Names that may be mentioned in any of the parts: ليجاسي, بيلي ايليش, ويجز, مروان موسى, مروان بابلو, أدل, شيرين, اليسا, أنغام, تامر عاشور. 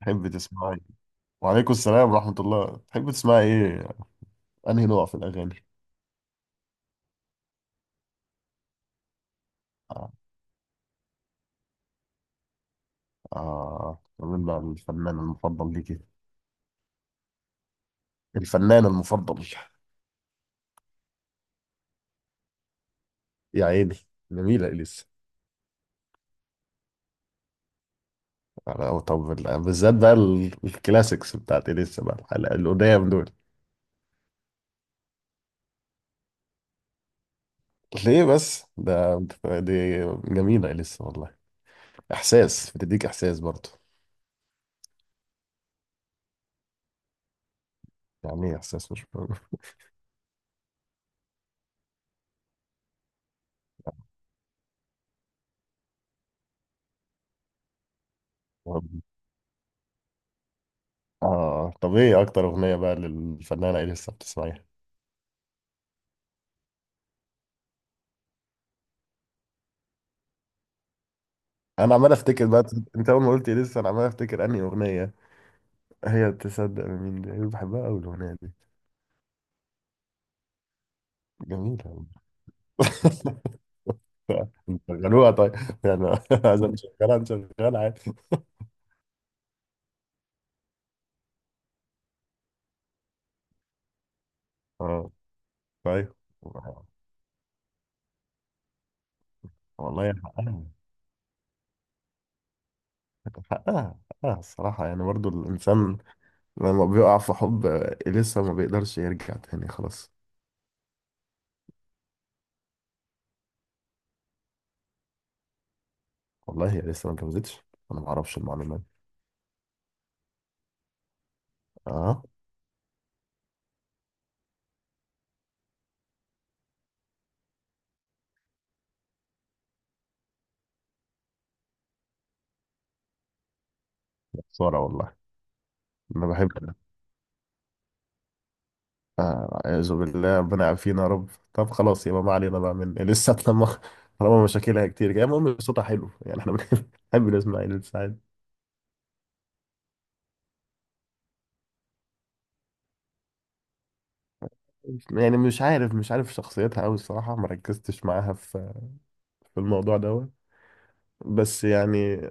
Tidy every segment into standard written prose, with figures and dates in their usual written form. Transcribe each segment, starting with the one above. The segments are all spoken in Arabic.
تحب تسمعي وعليكم السلام ورحمة الله. تحب تسمعي ايه؟ انهي نوع في الاغاني؟ اه. مين بقى الفنان المفضل ليكي؟ الفنان المفضل. يا عيني، جميلة اليسا. طب بالذات بقى الكلاسيكس بتاعت اليسا بقى القدام دول. ليه بس ده؟ دي جميلة اليسا والله. احساس، بتديك احساس برضه. يعني ايه احساس مش اه. طب ايه اكتر اغنية بقى للفنانة اليسا بتسمعيها؟ انا عمال افتكر بقى. انت اول ما قلت إيه لسه انا عمال افتكر انهي اغنيه. هي تصدق من مين دي، أنا بحبها قوي الاغنيه دي. جميله أوي. نشغلوها طيب. يعني عايز نشغلها، عادي. اه، طيب. والله حقها، حقها حقها الصراحه، يعني برضو الانسان لما بيقع في حب لسه ما بيقدرش يرجع تاني، خلاص. والله هي لسه ما اتجوزتش؟ انا ما اعرفش المعلومه دي. اه، خساره والله. انا بحب أعوذ بالله، ربنا يعافينا يا رب. طب خلاص يبقى ما علينا بقى من لسه لما. طالما مشاكلها كتير كده، المهم صوتها حلو يعني، احنا بنحب نسمع عيلة سعيد. يعني مش عارف شخصيتها أوي الصراحة، ما ركزتش معاها في الموضوع دوت، بس يعني.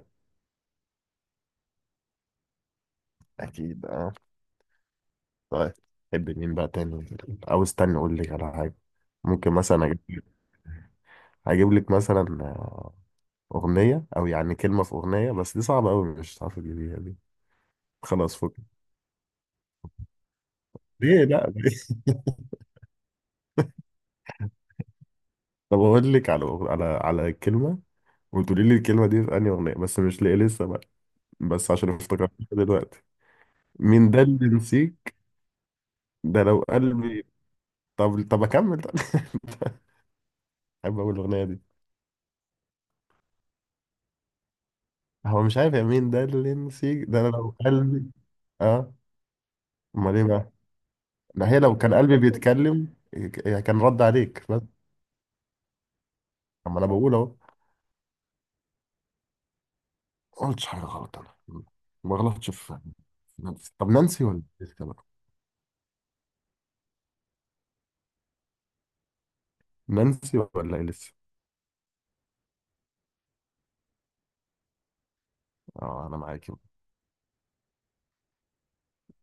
أكيد أه. طيب، تحب مين بقى تاني؟ أو استنى أقول لك على حاجة، ممكن مثلا أجيب لك مثلا أغنية أو يعني كلمة في أغنية. بس دي صعبة أوي، مش هتعرفي تجيبيها دي. خلاص فوق. ليه لا طب اقول لك على كلمه، وتقولي لي الكلمه دي في انهي اغنيه. بس مش لاقي لسه بقى، بس عشان افتكرتها دلوقتي. مين ده اللي نسيك، ده لو قلبي. طب اكمل طب احب اقول الاغنيه دي. هو مش عارف يا مين ده اللي نسيك ده لو قلبي. اه، امال ايه بقى؟ ما هي لو كان قلبي بيتكلم كان رد عليك بس. اما انا بقول اهو. ما قلتش حاجه غلط انا، ما غلطتش في نانسي؟ طب نانسي ولا لسه بقى؟ نانسي ولا إيه لسه؟ اه، انا معاك.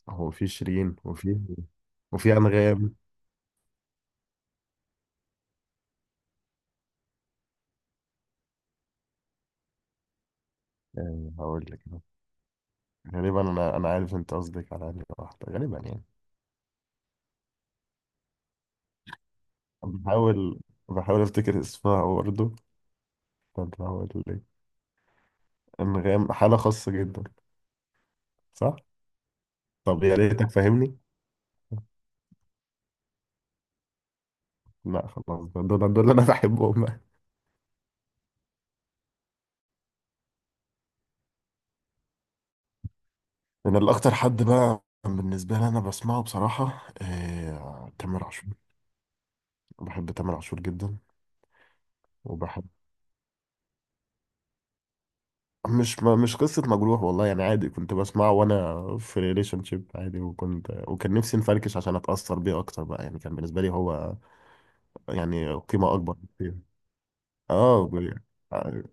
هو في شيرين وفي أنغام. هقول لك أهو. غالبا أنا عارف أنت قصدك على أنهي واحدة غالبا يعني. بحاول بحاول أفتكر اسمها برضه. طب هقول لك، أنغام حالة خاصة جدا، صح؟ طب يا ريتك فاهمني. لا خلاص، دول دول دول أنا بحبهم بقى. أنا الأكتر حد بقى بالنسبة لي أنا بسمعه بصراحة تامر عاشور. بحب تامر عاشور جدا. وبحب. مش قصة مجروح والله يعني، عادي كنت بسمعه وانا في ريليشن شيب عادي. وكان نفسي نفركش عشان اتأثر بيه اكتر بقى يعني، كان بالنسبة لي هو يعني قيمة اكبر بكتير. اه آه،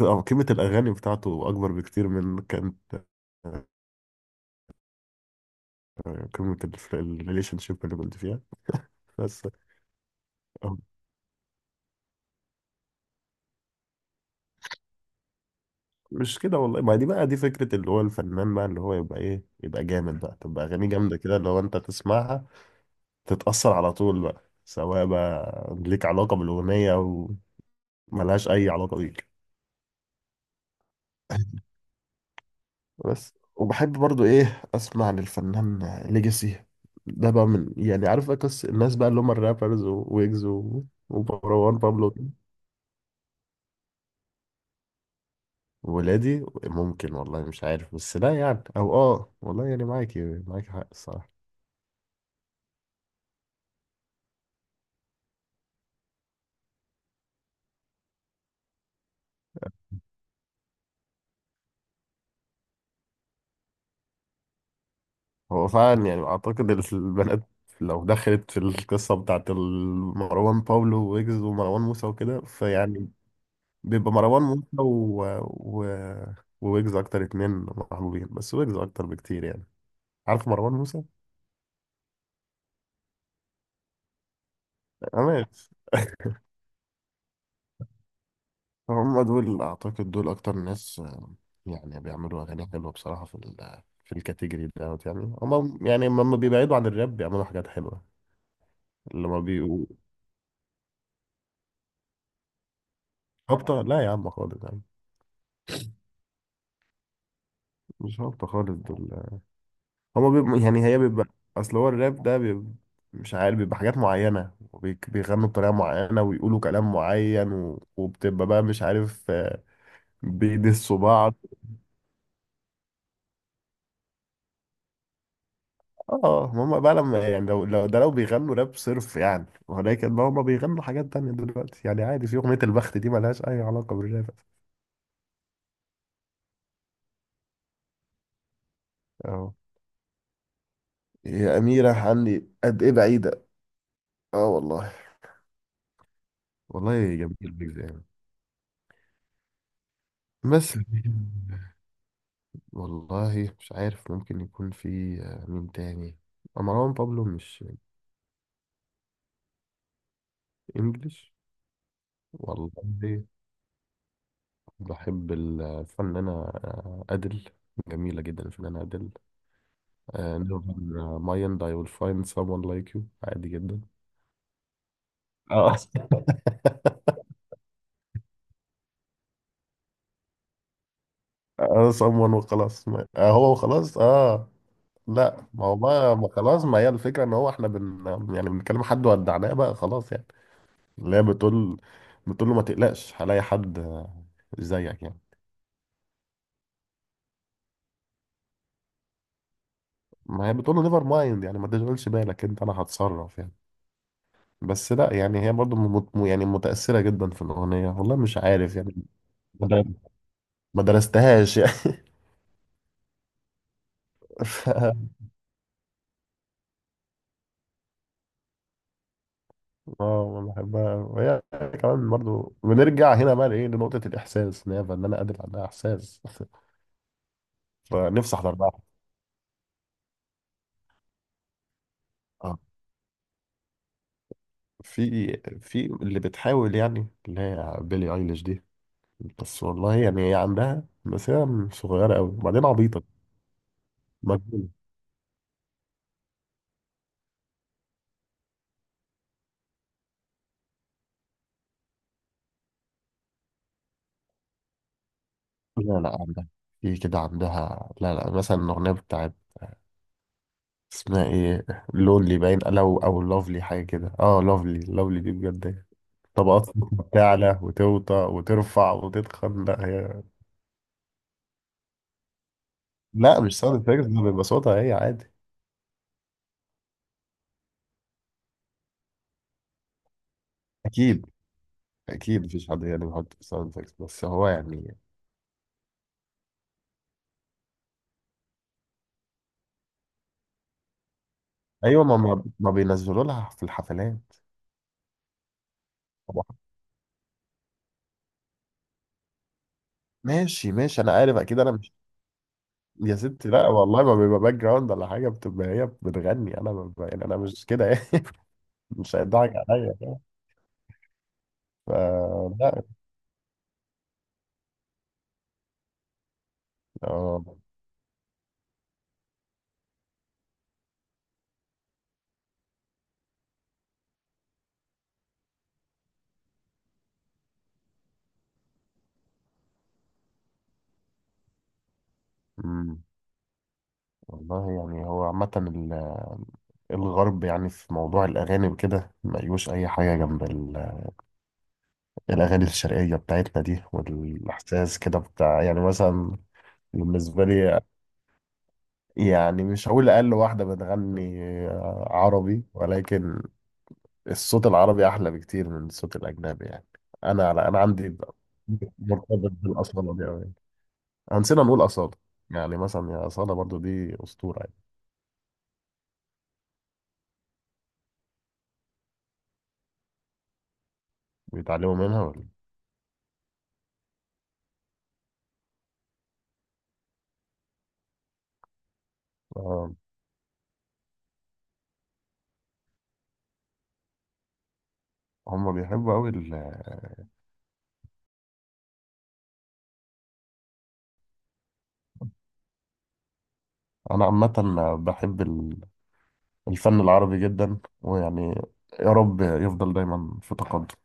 قيمة الاغاني بتاعته اكبر بكتير من كانت قيمة الريليشن شيب اللي كنت فيها. بس. آه، مش كده والله. ما دي بقى دي فكرة اللي هو الفنان بقى، اللي هو يبقى ايه، يبقى جامد بقى، تبقى اغانيه جامدة كده اللي هو انت تسمعها تتأثر على طول بقى، سواء بقى ليك علاقة بالأغنية أو ملهاش أي علاقة بيك. بس. وبحب برضو إيه أسمع للفنان ليجاسي. ده بقى من يعني عارف أكس الناس بقى اللي هم الرابرز، وويجز ومروان بابلو. ولادي ممكن والله، مش عارف. بس لا يعني، أو آه والله يعني معاكي حق الصراحة. هو فعلا يعني أعتقد البنات لو دخلت في القصة بتاعت مروان باولو، ويجز ومروان موسى وكده، فيعني بيبقى مروان موسى و... وويجز اكتر اتنين محبوبين، بس ويجز اكتر بكتير يعني. عارف مروان موسى. انا. هم دول اعتقد، دول اكتر ناس يعني بيعملوا اغاني حلوه بصراحه في في الكاتيجوري دوت يعني. هم يعني لما بيبعدوا عن الراب بيعملوا حاجات حلوه اللي ما بيبقوا. هابطه لا يا عم، خالص يعني. مش هابطه خالص دول، هما بيبقوا يعني، هي بيبقى، اصل هو الراب ده بيبقى مش عارف، بيبقى حاجات معينة، بيغنوا بطريقة معينة ويقولوا كلام معين وبتبقى بقى مش عارف بيدسوا بعض. اه هما بقى لما يعني لو بيغنوا راب صرف يعني، ولكن بقى هما بيغنوا حاجات تانية دلوقتي يعني، عادي. في أغنية البخت دي ملهاش أي علاقة بالراب. اه. يا أميرة عني قد إيه بعيدة. اه والله، والله جميل بيك يعني. بس والله مش عارف، ممكن يكون في مين تاني. مروان بابلو، مش انجليش، والله. بحب الفنانة أدل. جميلة جدا الفنانة أدل. Never mind, I will find someone like you. عادي جدا. اه اه، someone وخلاص. هو وخلاص اه. لا ما هو بقى، ما خلاص، ما هي الفكرة ان هو احنا يعني بنتكلم حد ودعناه بقى، خلاص يعني. اللي هي بتقول له ما تقلقش هلاقي حد زيك يعني. ما هي بتقول له نيفر مايند يعني ما تشغلش بالك انت، انا هتصرف يعني. بس لا يعني هي برضو يعني متأثرة جدا في الأغنية، والله مش عارف يعني. ما در- ما درستهاش يعني ف... اه، ما بحبها. وهي كمان برضو بنرجع هنا بقى لإيه، لنقطة الإحساس، إن هي فنانة قادرة عندها إحساس فنفسي أحضر بقى. اه، في اللي بتحاول يعني اللي هي بيلي ايليش دي. بس والله يعني هي عندها، بس هي صغيرة قوي وبعدين عبيطة مجنونة. لا لا عندها. في كده عندها. لا لا مثلا الأغنية بتاعت اسمها ايه، لونلي باين لو أو لوفلي حاجة كده. اه لوفلي، لوفلي دي بجد طبقات بتعلى وتوطى وترفع وتتخن. لا هي. لا مش ساوند افكتس، ده بيبقى صوتها هي عادي. أكيد. أكيد مفيش حد يعني بيحط ساوند افكتس، بس هو يعني. أيوة، ما بينزلوا لها في الحفلات. طبعا. ماشي ماشي، أنا عارف أكيد، أنا مش. يا ستي لا والله، ما بيبقى باك جراوند ولا حاجة، بتبقى هي بتغني. أنا ببقى يعني، أنا مش كده يعني. مش هيضحك عليا بقى. فلا. آه، أمم، والله يعني هو عامة الغرب، يعني في موضوع الأغاني وكده، مليوش أي حاجة جنب الأغاني الشرقية بتاعتنا دي، والإحساس كده بتاع، يعني مثلا بالنسبة لي. يعني مش هقول أقل واحدة بتغني عربي، ولكن الصوت العربي أحلى بكتير من الصوت الأجنبي يعني. أنا عندي مرتبط بالأصالة دي أوي، هنسينا نقول أصالة. يعني مثلا يا أصالة برضو، دي أسطورة يعني. بيتعلموا منها ولا؟ آه، هم بيحبوا أوي أنا عامة بحب الفن العربي جدا، ويعني يا رب يفضل دايما في تقدم.